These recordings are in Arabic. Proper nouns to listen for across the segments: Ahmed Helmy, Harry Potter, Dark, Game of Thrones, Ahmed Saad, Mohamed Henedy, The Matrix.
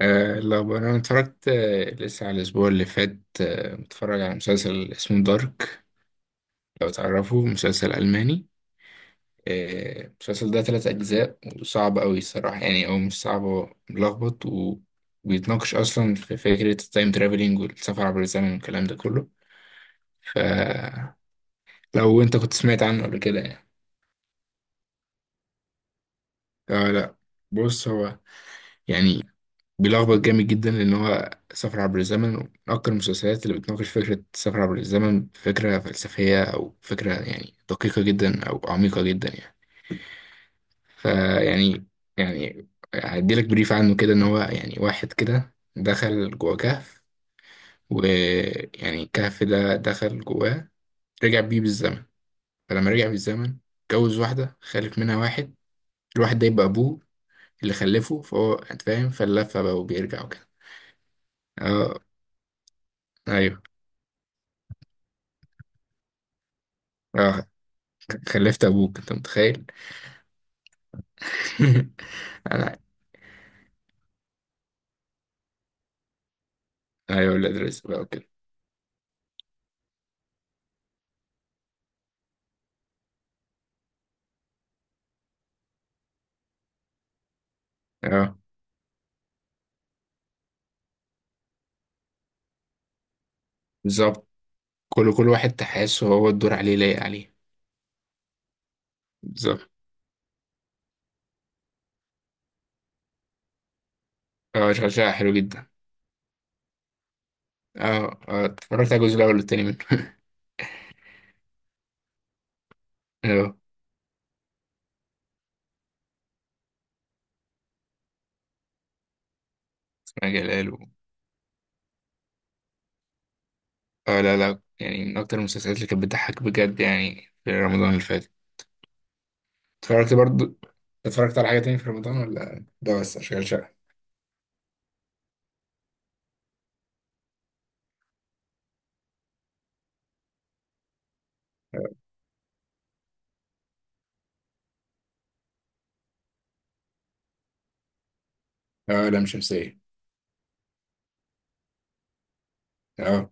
لو انا اتفرجت لسه على الاسبوع اللي فات، متفرج على مسلسل اسمه دارك. لو تعرفه مسلسل الماني. المسلسل ده ثلاث اجزاء وصعب قوي الصراحه، او مش صعب، هو ملخبط وبيتناقش اصلا في فكره التايم ترافلينج والسفر عبر الزمن والكلام ده كله. فلو انت كنت سمعت عنه قبل كده آه لا. بص هو يعني بيلخبط جامد جدا، لأن هو سفر عبر الزمن ومن أكتر المسلسلات اللي بتناقش فكرة السفر عبر الزمن، فكرة فلسفية أو فكرة يعني دقيقة جدا أو عميقة جدا يعني. فيعني يعني هديلك بريف عنه كده، إن هو يعني واحد كده دخل جوه كهف، ويعني الكهف ده دخل جواه، رجع بيه بالزمن. فلما رجع بالزمن اتجوز واحدة، خلف منها واحد، الواحد ده يبقى أبوه اللي خلفه، فهو أنت فاهم فاللفة بقى وبيرجع وكده. اه. ايوه. اه. خلفت ابوك، انت متخيل؟ انا ايوه، ولاد رزق بقى وكده. اه بالظبط. كل واحد تحسه هو الدور عليه، لايق عليه. بالظبط. اه اشغال شقه حلو جدا. اه اه، اتفرجت على الجزء الاول والتاني منه. اه، اسمها جلال و... اه لا لا، يعني من اكتر المسلسلات اللي كانت بتضحك بجد يعني، في رمضان اللي فات. اتفرجت برضو، اتفرجت على حاجه تاني في رمضان ولا ده بس اشغال شقه؟ اه لا مش شمسيه. اه.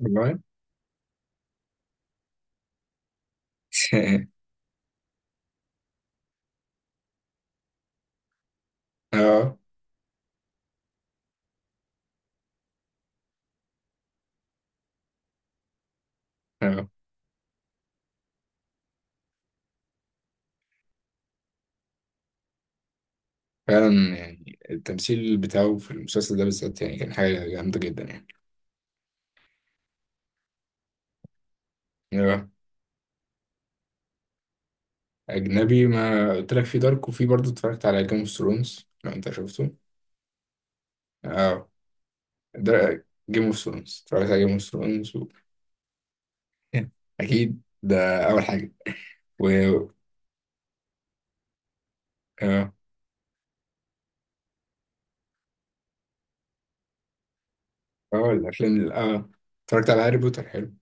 والله. اه. اه فعلا، يعني التمثيل بتاعه في المسلسل ده بالذات يعني كان حاجة جامدة جدا يعني. أيوة. أجنبي، ما قلت لك في دارك، وفي برضه اتفرجت على جيم اوف ثرونز لو أنت شفته. اه ده جيم اوف ثرونز، اتفرجت على جيم اوف ثرونز و... أكيد، ده أول حاجة. و اه. اه الأفلام ال- اه اتفرجت على هاري بوتر، حلو.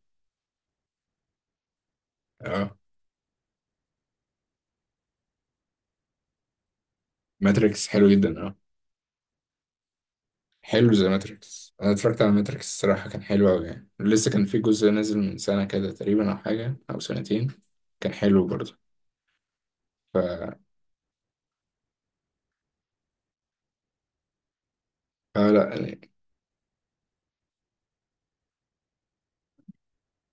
اه ماتريكس حلو جدا آه. حلو زي ماتريكس، انا اتفرجت على ماتريكس، الصراحه كان حلو قوي يعني. لسه كان في جزء نازل من سنه كده تقريبا او حاجه او سنتين. كان حلو برضه. ف... فلا يعني.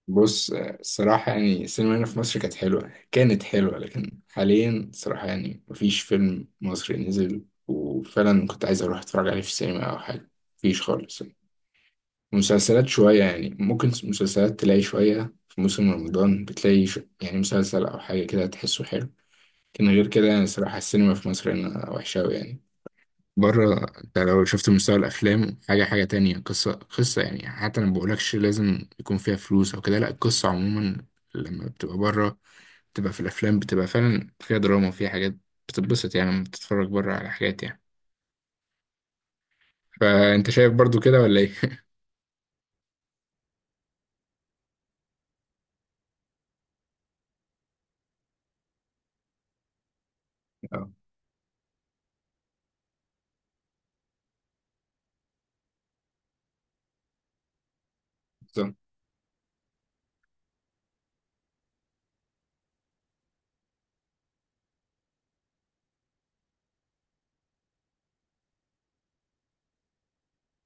بص الصراحه يعني، السينما هنا في مصر كانت حلوه، كانت حلوه، لكن حاليا الصراحه يعني مفيش فيلم مصري نزل وفعلا كنت عايز اروح اتفرج عليه في السينما او حاجه، مفيش خالص يعني. مسلسلات شويه يعني، ممكن مسلسلات تلاقي شويه في موسم رمضان، بتلاقي ش... يعني مسلسل او حاجه كده تحسه حلو. كان غير كده يعني، الصراحة السينما في مصر هنا وحشة أوي يعني. بره أنت لو شفت مستوى الأفلام، حاجة حاجة تانية، قصة قصة يعني، حتى أنا بقولكش لازم يكون فيها فلوس أو كده، لأ القصة عموما. لما بتبقى بره بتبقى في الأفلام بتبقى فعلا فيها دراما وفيها حاجات، بتتبسط يعني لما بتتفرج بره على حاجات يعني. فأنت شايف برضو كده ولا إيه؟ اه بالظبط.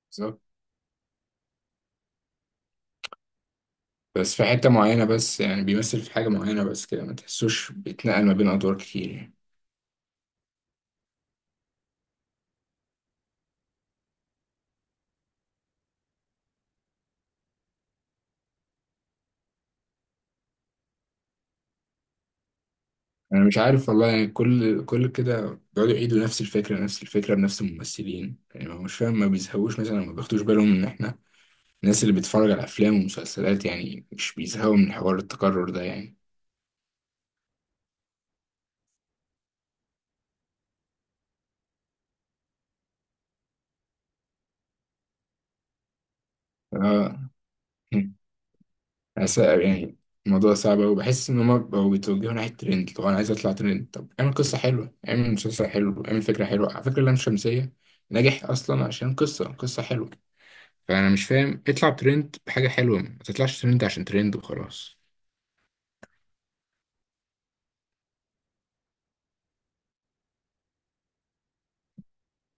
بالظبط. بس في حتة معينة بس، يعني بيمثل في حاجة معينة بس كده، ما تحسوش بيتنقل ما بين أدوار كتير يعني. انا مش عارف والله يعني، كل كده بيقعدوا يعيدوا نفس الفكره، نفس الفكره بنفس الممثلين يعني، ما- مش فاهم ما بيزهقوش مثلا، ما بياخدوش بالهم ان احنا الناس اللي بتتفرج على افلام ومسلسلات يعني مش بيزهقوا من حوار التكرر ده يعني. اه. أس- يعني الموضوع صعب أوي، بحس إن هما بقوا بيتوجهوا ناحية ترند. لو أنا عايز أطلع ترند، طب اعمل قصة حلوة، اعمل مسلسل حلو، اعمل فكرة حلوة. على فكرة لام شمسية نجح أصلا عشان قصة، قصة حلوة. فأنا مش فاهم، اطلع ترند بحاجة حلوة، ما تطلعش ترند عشان ترند وخلاص.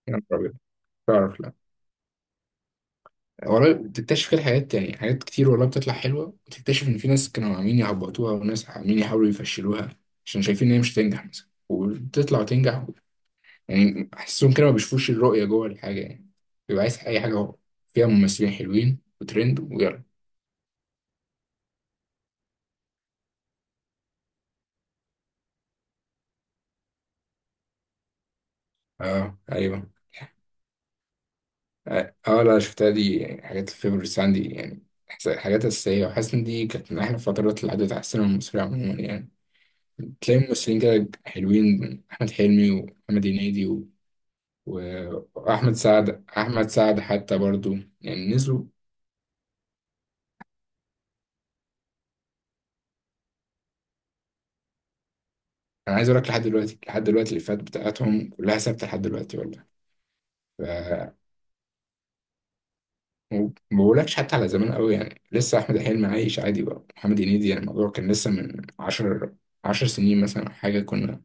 يا نهار أبيض. تعرف لا والله، بتكتشف كده حاجات يعني، حاجات كتير والله بتطلع حلوة وتكتشف إن في ناس كانوا عاملين يعبطوها وناس عاملين يحاولوا يفشلوها، عشان شايفين إن هي مش هتنجح مثلا، وبتطلع وتنجح. يعني أحسهم كده ما بيشوفوش الرؤية جوه الحاجة يعني. بيبقى عايز أي حاجة، هو فيها ممثلين حلوين وترند ويلا. أه أيوه. أه آه، لا شفتها دي، يعني حاجات الفيفوريتس عندي يعني، حاجات أساسية، وحاسس إن دي كانت من أحلى الفترات اللي عدت على السينما المصرية عموما يعني. تلاقي ممثلين كده حلوين، أحمد حلمي ومحمد هنيدي و... و- وأحمد سعد، أحمد سعد حتى برضو يعني نزلوا. أنا عايز أقول لك، لحد دلوقتي لحد دلوقتي الإفيهات بتاعتهم كلها ثابتة لحد دلوقتي والله. ف وما بقولكش حتى على زمان قوي يعني، لسه أحمد حلمي عايش عادي بقى، محمد هنيدي يعني الموضوع كان لسه من عشر، عشر سنين مثلا أو حاجة، كنا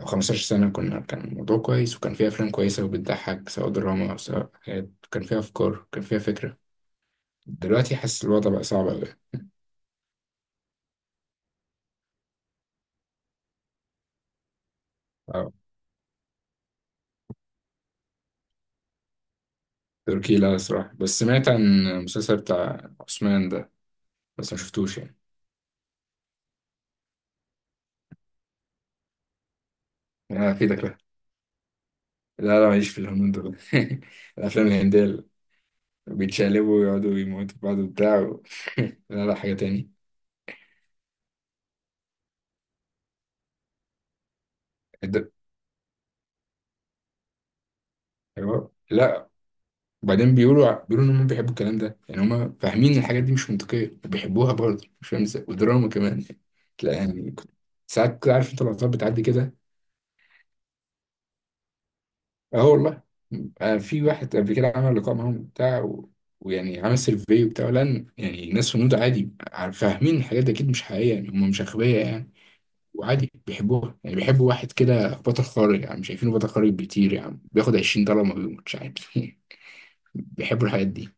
أو خمستاشر سنة كنا، كان الموضوع كويس وكان فيها أفلام كويسة وبتضحك، سواء دراما أو سواء حاجات كان فيها أفكار، كان فيها فكرة. دلوقتي حاسس الوضع بقى صعب أوي. اه. تركي لا الصراحة، بس سمعت عن المسلسل بتاع عثمان ده بس ما شفتوش يعني. انا افيدك لا. لا لا، معيش في الهنود دول. الافلام الهندية اللي بيتشقلبوا ويقعدوا يموتوا في بعض وبتاع و... لا لا، حاجة تاني. الد- ايوه لا، وبعدين بيقولوا ع- بيقولوا ان هم بيحبوا الكلام ده يعني، هم فاهمين ان الحاجات دي مش منطقية وبيحبوها برضه، مش فاهم ازاي، ودراما كمان. لا يعني كنت- ساعات كده عارف انت لقطات بتعدي كده. اه والله. في واحد قبل كده عمل لقاء معاهم بتاع و... ويعني عمل سيرفي وبتاع، لان يعني ناس هنود عادي عارف- فاهمين الحاجات دي اكيد مش حقيقيه يعني، هم مش اغبياء يعني. وعادي بيحبوها يعني، بيحبوا واحد كده بطل خارق يعني، مش شايفينه بطل خارق بيطير يعني، بياخد 20$ ما بيموتش عادي. بيحبوا الحاجات دي.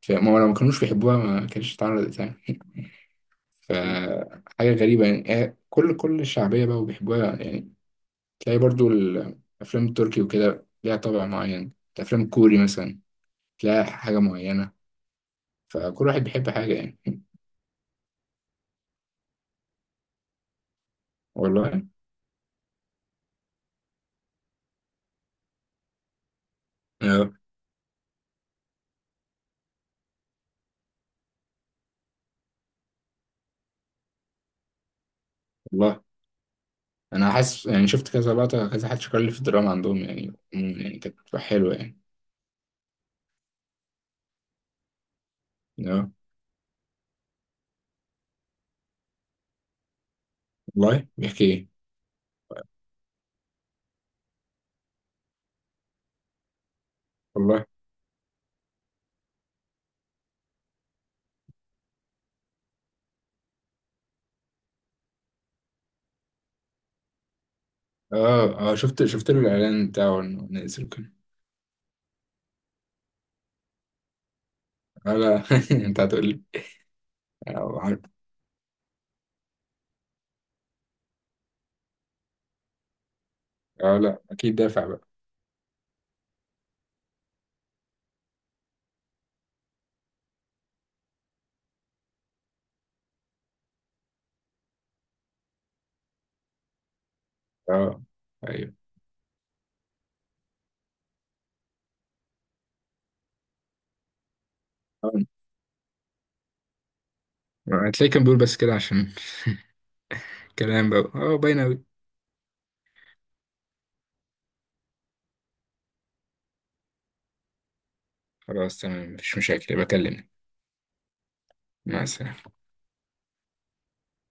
فما لو ما كانوش بيحبوها ما كانتش اتعرضت يعني. فحاجه غريبه يعني، كل الشعبيه بقى وبيحبوها يعني. تلاقي برضو الافلام التركي وكده ليها طابع معين، الافلام الكوري مثلا تلاقي حاجة معينة. فكل واحد بيحب حاجة يعني. والله. اه والله أنا حاسس، يعني شفت كذا لقطة، كذا حد شكر لي في الدراما عندهم يعني عموما يعني كانت بتبقى حلوة يعني. اه والله بيحكي إيه؟ والله. اه اه، شفت له الإعلان بتاعه إنه نزل وكده. اه لا. أنت هتقول لي. اه عارف. لا أكيد دافع بقى. اه أيوه. هتلاقيه كان بيقول بس كده عشان. كلام بقى، اه باين أوي. خلاص تمام، مفيش مشاكل، بكلمك. مع السلامة.